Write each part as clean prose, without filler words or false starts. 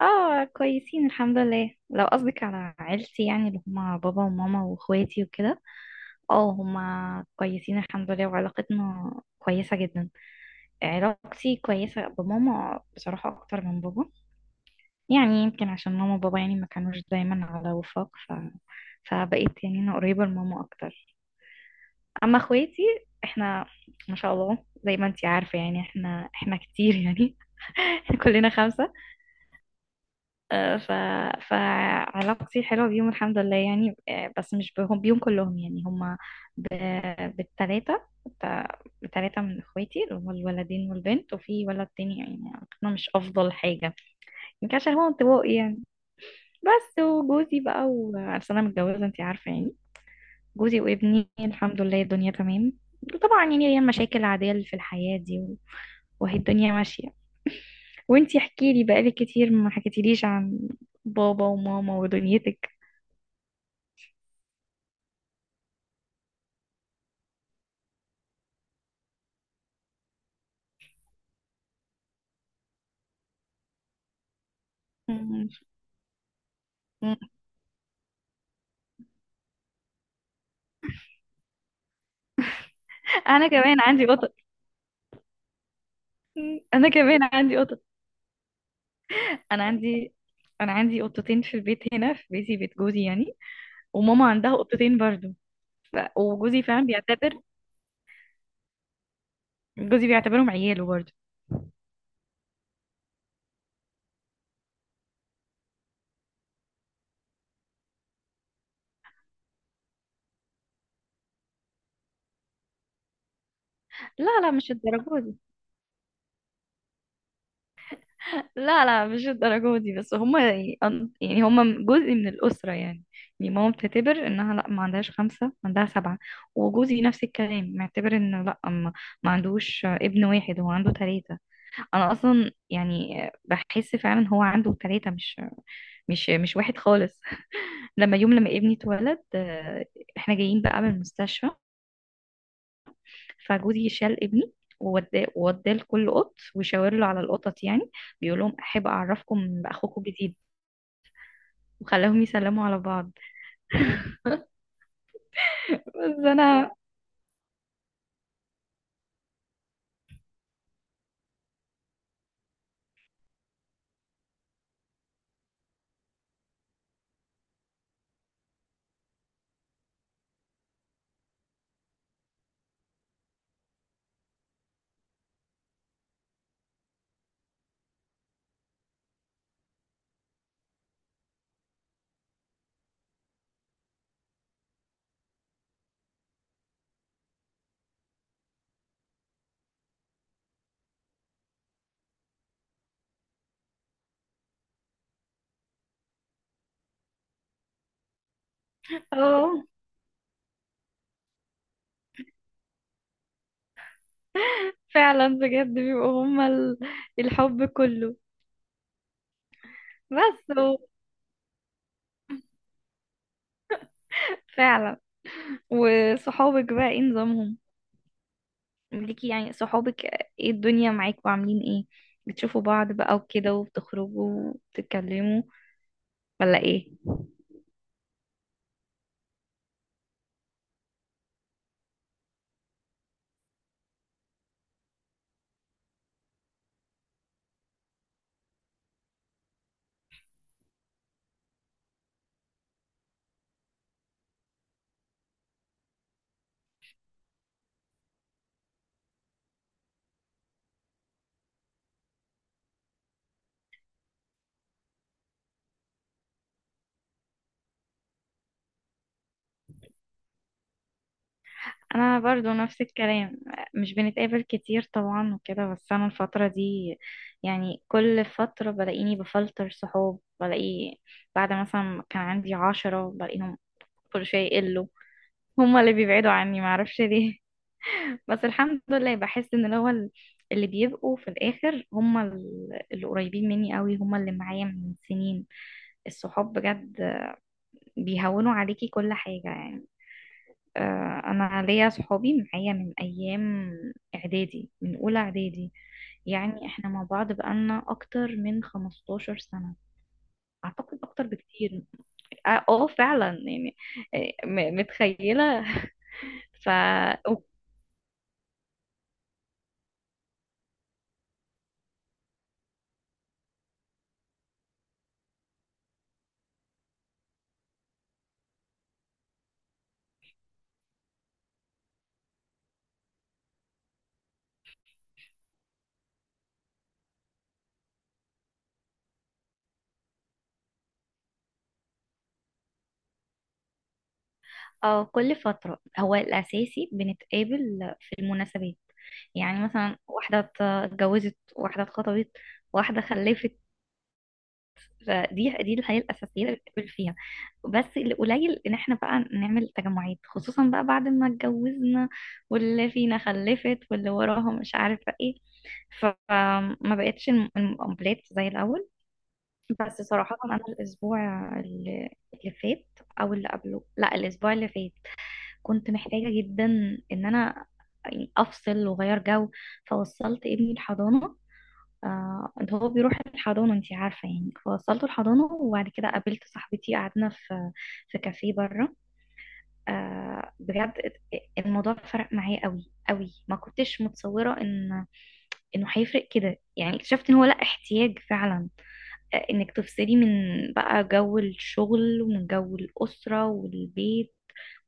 اه كويسين الحمد لله. لو قصدك على عيلتي يعني اللي هما بابا وماما واخواتي وكده، اه هما كويسين الحمد لله، وعلاقتنا كويسة جدا. علاقتي كويسة بماما بصراحة أكتر من بابا، يعني يمكن عشان ماما وبابا يعني ما كانوش دايما على وفاق، ف... فبقيت يعني أنا قريبة لماما أكتر. أما اخواتي، احنا ما شاء الله، زي ما انتي عارفة يعني احنا كتير يعني. كلنا خمسة. آه، ف... فعلاقتي حلوة بيهم الحمد لله يعني. آه، بس مش بهم بيهم كلهم يعني هما ب... بالتلاتة، بت- بتلاتة من اخواتي اللي هما الولدين والبنت، وفي ولد تاني يعني علاقتنا مش افضل حاجة، يمكن عشان هو انطوائي يعني. بس وجوزي بقى، وعشان انا متجوزة انتي عارفة يعني، جوزي وابني الحمد لله الدنيا تمام. وطبعا يعني هي المشاكل العادية اللي في الحياة دي، و... وهي الدنيا ماشية. وانتي احكيلي، بقالي كتير ما حكيتيليش عن بابا وماما ودنيتك. مم. مم. انا كمان عندي قطط. مم. انا كمان عندي قطط. انا عندي، انا عندي قطتين في البيت، هنا في بيتي بيت جوزي يعني. وماما عندها قطتين برضو. وجوزي فعلا بيعتبر، جوزي بيعتبرهم عياله برضو. لا لا مش الدرجة دي، لا لا مش الدرجة دي، بس هما يعني، يعني هما جزء من الأسرة يعني. يعني ماما بتعتبر انها لا، ما عندهاش خمسة، ما عندها سبعة. وجوزي نفس الكلام، معتبر انه لا، ما ما عندوش ابن واحد، هو عنده ثلاثة. انا اصلا يعني بحس فعلا هو عنده ثلاثة، مش مش واحد خالص. لما يوم لما ابني اتولد، آه، احنا جايين بقى من المستشفى، فجوزي شال ابني ووداه لكل قط، وشاور له على القطط يعني، بيقول لهم احب اعرفكم باخوكم الجديد، وخلاهم يسلموا على بعض. بس انا اه فعلا بجد بيبقوا هما الحب كله. بس هو- فعلا. وصحابك بقى ايه نظامهم ليكي يعني، صحابك ايه الدنيا معاكوا عاملين ايه؟ بتشوفوا بعض بقى وكده وبتخرجوا وبتتكلموا ولا ايه؟ انا برضو نفس الكلام، مش بنتقابل كتير طبعا وكده. بس انا الفترة دي يعني كل فترة بلاقيني بفلتر صحاب، بلاقي بعد مثلا ما كان عندي عشرة بلاقيهم كل شوية يقلوا، هما اللي بيبعدوا عني معرفش ليه. بس الحمد لله بحس ان اللي هو اللي بيبقوا في الاخر هم اللي قريبين مني قوي، هم اللي معايا من سنين. الصحاب بجد بيهونوا عليكي كل حاجة يعني. آه، انا ليا صحابي معايا من ايام اعدادي، من اولى اعدادي، يعني احنا مع بعض بقالنا اكتر من 15 سنة، اعتقد اكتر بكتير. اه آه، فعلا يعني. آه، متخيلة. ف اه كل فترة، هو الأساسي بنتقابل في المناسبات، يعني مثلا واحدة اتجوزت، واحدة اتخطبت، واحدة خلفت. فدي دي الحياة الأساسية اللي بنتقابل فيها، بس القليل إن احنا بقى نعمل تجمعات، خصوصا بقى بعد ما اتجوزنا واللي فينا خلفت واللي وراها مش عارفة ايه. فما بقتش المقابلات زي الأول. بس صراحة أنا الأسبوع اللي فات، أو اللي قبله، لا الأسبوع اللي فات، كنت محتاجة جدا ان انا يعني افصل واغير جو. فوصلت ابني الحضانة، آه انت هو بيروح الحضانة انت عارفة يعني، فوصلته الحضانة وبعد كده قابلت صاحبتي، قعدنا في في كافيه بره. آه بجد الموضوع فرق معايا قوي قوي، ما كنتش متصورة ان انه هيفرق كده يعني. اكتشفت ان هو لا احتياج فعلا انك تفصلي من بقى جو الشغل ومن جو الأسرة والبيت،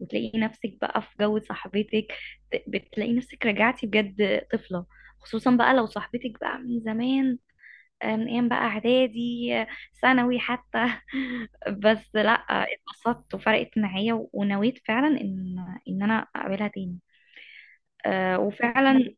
وتلاقي نفسك بقى في جو صاحبتك، بتلاقي نفسك رجعتي بجد طفلة، خصوصا بقى لو صاحبتك بقى من زمان، آه، من ايام بقى اعدادي، آه، ثانوي حتى. بس لا آه، اتبسطت وفرقت معايا، ونويت فعلا ان ان انا اقابلها تاني. آه وفعلا.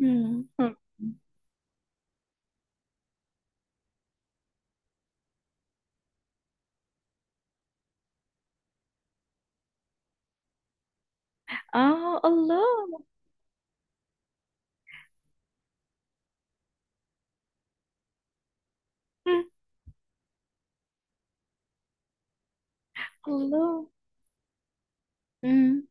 مم. اه الله. مم. الله. مم.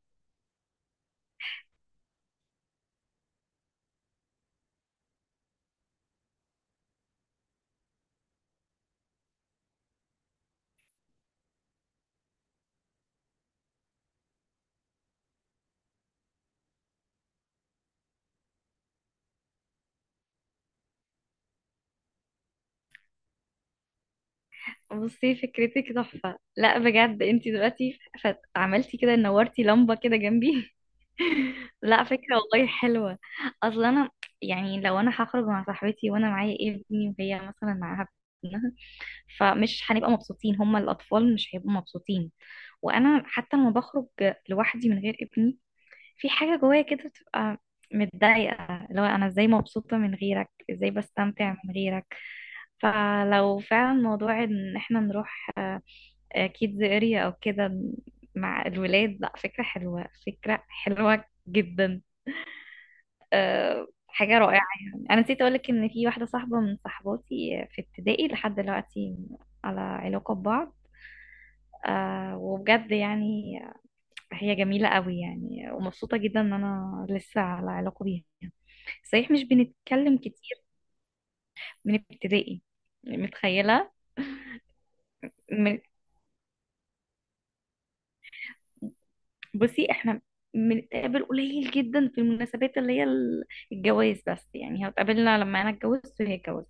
بصي فكرتك تحفة، لا بجد انتي دلوقتي عملتي كده نورتي لمبة كده جنبي. لا فكرة والله حلوة. اصل انا يعني لو انا هخرج مع صاحبتي وانا معايا إيه ابني، وهي مثلا معاها ابنها، فمش هنبقى مبسوطين، هما الاطفال مش هيبقوا مبسوطين. وانا حتى لما بخرج لوحدي من غير ابني، في حاجة جوايا كده بتبقى متضايقة، لو انا ازاي مبسوطة من غيرك، ازاي بستمتع من غيرك. فلو فعلا موضوع ان احنا نروح كيدز اريا او كده مع الولاد، لا فكرة حلوة، فكرة حلوة جدا. أه حاجة رائعة. يعني انا نسيت اقولك ان في واحدة صاحبة من صحباتي في ابتدائي لحد دلوقتي على علاقة ببعض. أه وبجد يعني هي جميلة قوي يعني، ومبسوطة جدا ان انا لسه على علاقة بيها، صحيح مش بنتكلم كتير. من ابتدائي، متخيلة. بصي احنا بنتقابل قليل جدا، في المناسبات اللي هي الجواز بس، يعني هتقابلنا لما انا اتجوزت وهي اتجوزت.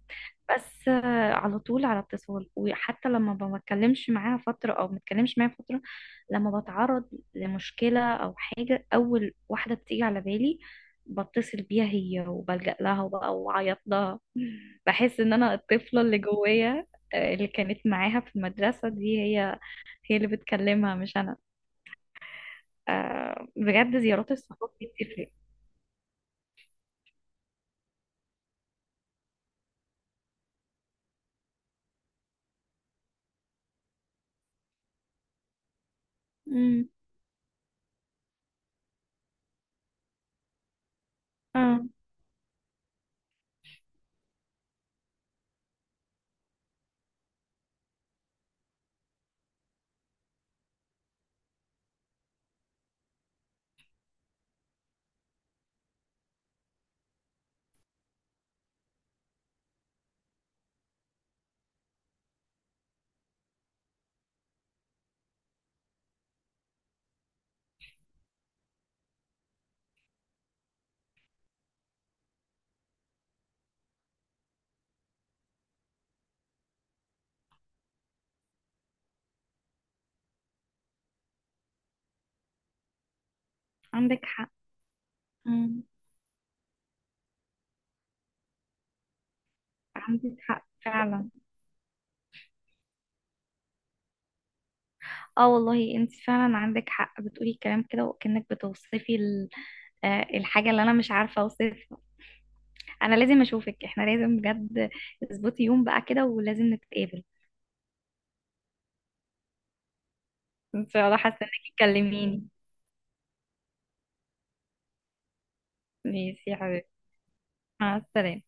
بس آه، على طول على اتصال. وحتى لما ما بتكلمش معاها فترة او ما بتكلمش معاها فترة، لما بتعرض لمشكلة او حاجة اول واحدة بتيجي على بالي بتصل بيها هي، وبلجأ لها، وبقى واعيط لها. بحس ان انا الطفلة اللي جوايا، آه، اللي كانت معاها في المدرسة دي، هي هي اللي بتكلمها مش انا. آه بجد زيارات الصحاب دي بتفرق. امم. اه عندك حق. امم. عندك حق فعلا. اه والله انت فعلا عندك حق، بتقولي الكلام كده وكأنك بتوصفي آه، الحاجة اللي انا مش عارفة اوصفها. انا لازم اشوفك، احنا لازم بجد اظبطي يوم بقى كده ولازم نتقابل. ان شاء الله، حاسة انك تكلميني. ماشي يا حبيبتي، مع السلامة.